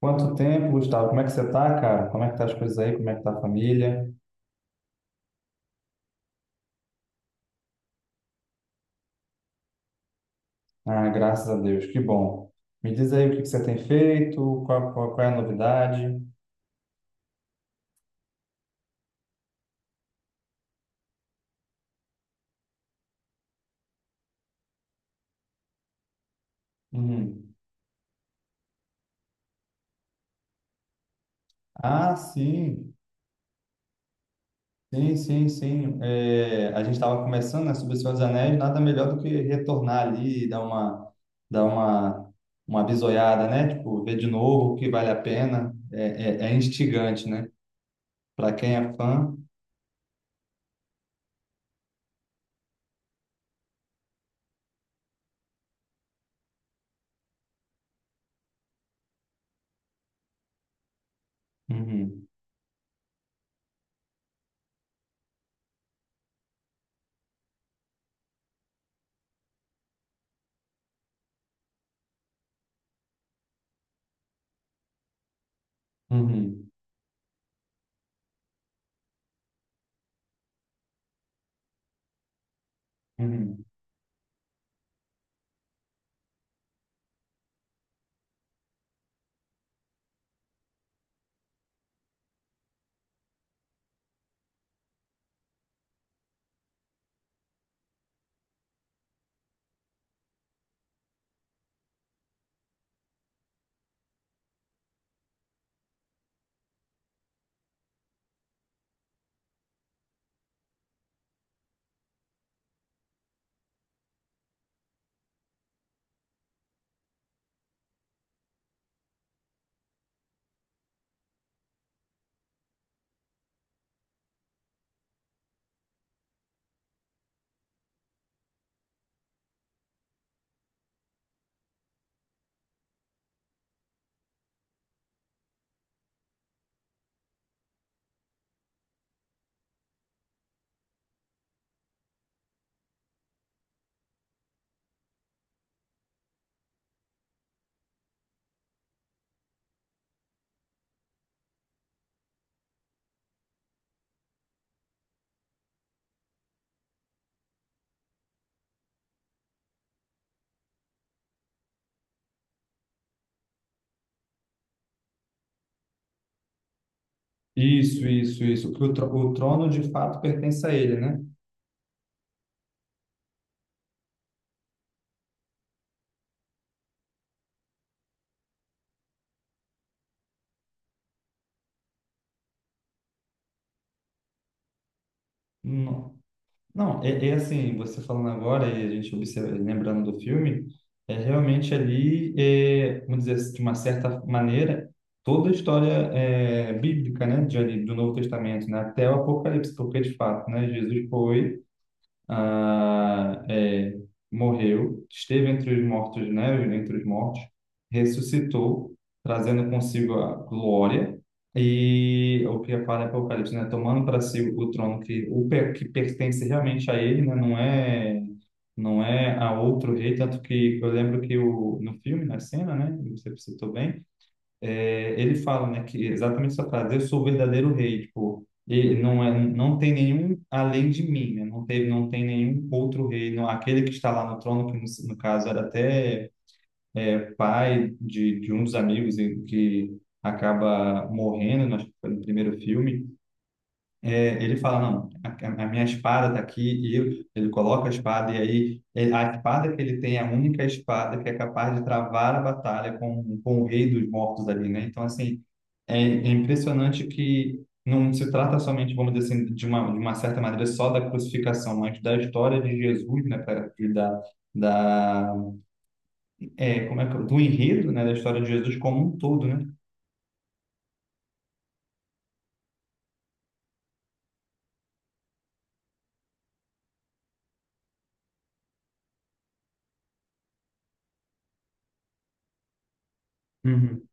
Quanto tempo, Gustavo? Como é que você tá, cara? Como é que tá as coisas aí? Como é que tá a família? Ah, graças a Deus, que bom. Me diz aí o que que você tem feito, qual é a novidade? Uhum. Ah, sim, sim, sim, sim. A gente estava começando, né, sobre o Senhor dos Anéis, nada melhor do que retornar ali e dar uma bisoiada, né? Tipo, ver de novo o que vale a pena. É instigante, né? Para quem é fã. Uhum. Uhum. Uhum. Isso. O trono de fato pertence a ele, né? Não, não é, é assim, você falando agora e a gente observa, lembrando do filme, é realmente ali, é, vamos dizer assim, de uma certa maneira, toda a história bíblica, né? De ali, do Novo Testamento, né? Até o Apocalipse, porque de fato, né? Jesus foi ah, é, morreu, esteve entre os mortos, né, entre os mortos, ressuscitou, trazendo consigo a glória e o que fala em Apocalipse, né, tomando para si o trono que pertence realmente a ele, né, não é a outro rei, tanto que eu lembro que o, no filme, na cena, né, você citou bem, é, ele fala, né, que exatamente essa frase, eu sou o verdadeiro rei, tipo, ele não é, não tem nenhum além de mim, né? Não teve, não tem nenhum outro rei, não, aquele que está lá no trono, que no, no caso era até pai de um dos amigos e que acaba morrendo, né, acho que foi no primeiro filme, ele fala, não, a minha espada está aqui, e eu- ele coloca a espada, e aí ele- a espada que ele tem é a única espada que é capaz de travar a batalha com o rei dos mortos ali, né? Então, assim, é impressionante que não se trata somente, vamos dizer assim, de uma certa maneira, só da crucificação, mas da história de Jesus, né? Da, como é que, do enredo, né? Da história de Jesus como um todo, né? Uhum.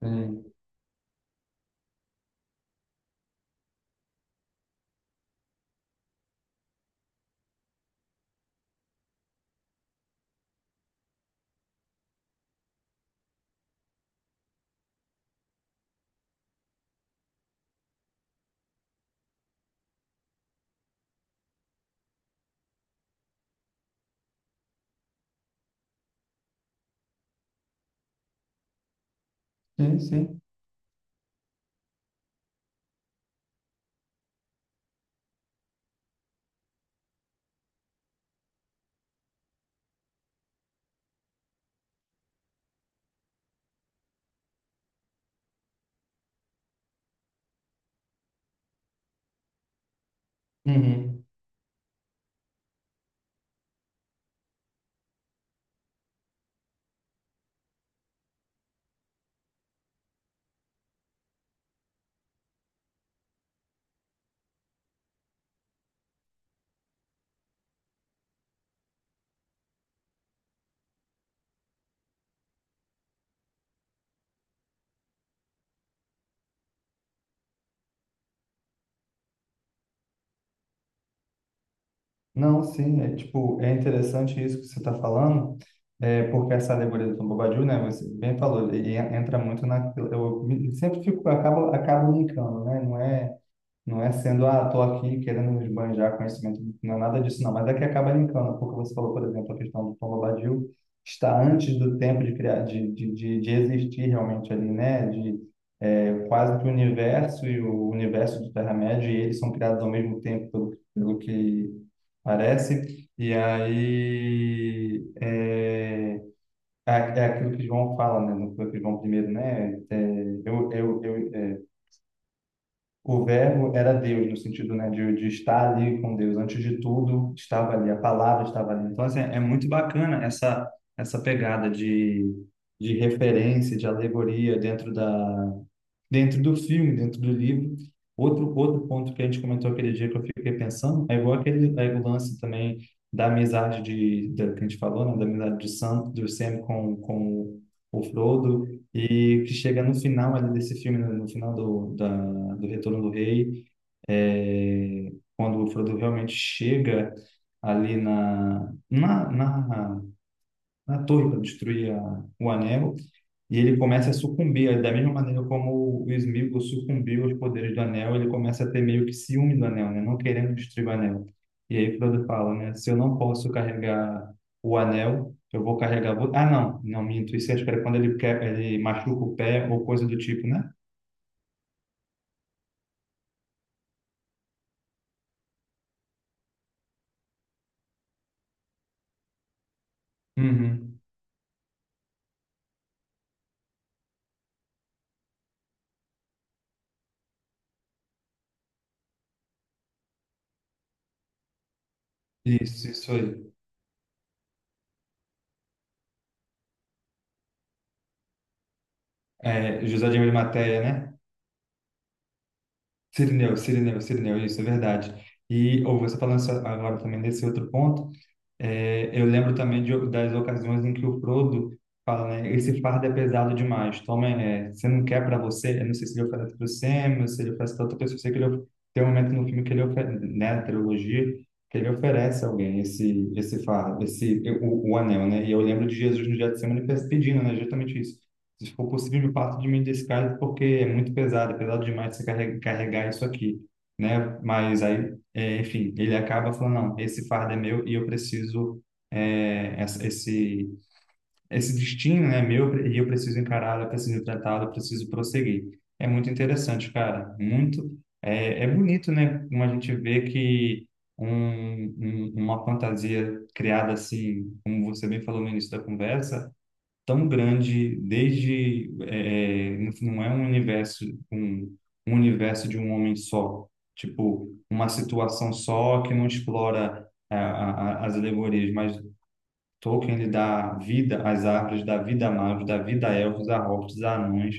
É, sim, sim. Uhum. Não, sim, é tipo, é interessante isso que você está falando, é, porque essa alegoria do Tom Bobadil, né, você bem falou, ele en- entra muito na, eu me- sempre fico, acabo brincando, né, não é sendo, ah, tô aqui querendo me esbanjar conhecimento, não é nada disso, não. Mas é que acaba linkando, porque você falou, por exemplo, a questão do Tom Bombadil está antes do tempo de criar, de existir realmente ali, né? Quase que o universo e o universo de Terra-média, e eles são criados ao mesmo tempo, pelo que parece. É aquilo que João fala, né? No que João primeiro, né? É, o verbo era Deus, no sentido, né, de estar ali com Deus. Antes de tudo, estava ali, a palavra estava ali. Então, assim, é muito bacana essa, essa pegada de referência, de alegoria dentro do filme, dentro do livro. Outro ponto que a gente comentou aquele dia que eu fiquei pensando é igual aquele é o lance também da amizade que a gente falou, né? Da amizade de Sam, do Sam com o Frodo, e que chega no final ali desse filme, no final do do Retorno do Rei, é, quando o Frodo realmente chega ali na torre para destruir a, o anel, e ele começa a sucumbir, da mesma maneira como o Sméagol sucumbiu aos poderes do Anel, ele começa a ter meio que ciúme do Anel, né? Não querendo destruir o Anel. E aí Frodo fala, né? Se eu não posso carregar o Anel, eu vou carregar... vo- Ah, não, minto. Isso acho que era quando ele, quer, ele machuca o pé ou coisa do tipo, né? Uhum. Isso aí. É, José de Arimateia, né? Cirineu, isso é verdade. E ou você falando só agora também nesse outro ponto, é, eu lembro também de, das ocasiões em que o Frodo fala, né, esse fardo é pesado demais. Toma, é, você não quer para você. Eu não sei se ele oferece para o Sam, ou se ele oferece para outra pessoa. Eu sei que ele, of- tem um momento no filme que ele oferece, né, na trilogia, que ele oferece a alguém esse esse fardo, esse o anel, né? E eu lembro de Jesus no Getsemane pedindo, né, justamente isso. Se for possível, me parta de mim desse cálice, porque é muito pesado, é pesado demais você carre- carregar isso aqui, né? Mas aí é, enfim, ele acaba falando, não, esse fardo é meu e eu preciso, é, essa- esse destino é meu e eu preciso encará-lo, eu preciso tratá-lo, eu preciso prosseguir. É muito interessante, cara, muito, é, é bonito, né, como a gente vê que um, uma fantasia criada assim, como você bem falou no início da conversa, tão grande, desde é, é, não é um universo um, um universo de um homem só, tipo uma situação só que não explora a, as alegorias, mas Tolkien lhe dá vida às árvores, dá vida a magos, dá vida a elfos, a hobbits, a anões,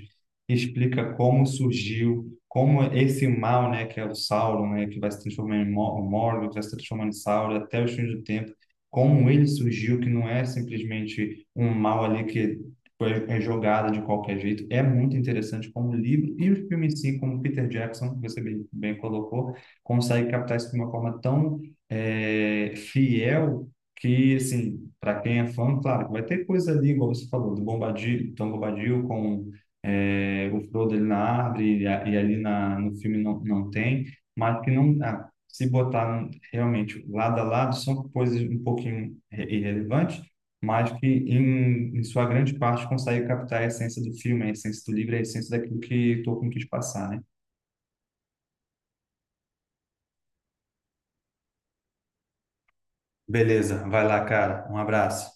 explica como surgiu, como esse mal, né, que é o Sauron, né, que vai se transformar em Mo- Morgoth, que vai se transformar em Sauron até os fins do tempo, como ele surgiu, que não é simplesmente um mal ali que foi- é jogado de qualquer jeito. É muito interessante como o livro e o filme em si, como Peter Jackson, que você bem colocou, consegue captar isso de uma forma tão fiel que, assim, para quem é fã, claro, vai ter coisa ali, igual você falou, do Bombadil, Tom Bombadil com é, o Frodo ali na árvore e, a- e ali na, no filme não, não tem, mas que não, ah, se botar realmente lado a lado, são coisas um pouquinho irre- irrelevantes, mas que em sua grande parte consegue captar a essência do filme, a essência do livro, a essência daquilo que Tolkien quis passar, né? Beleza, vai lá, cara. Um abraço.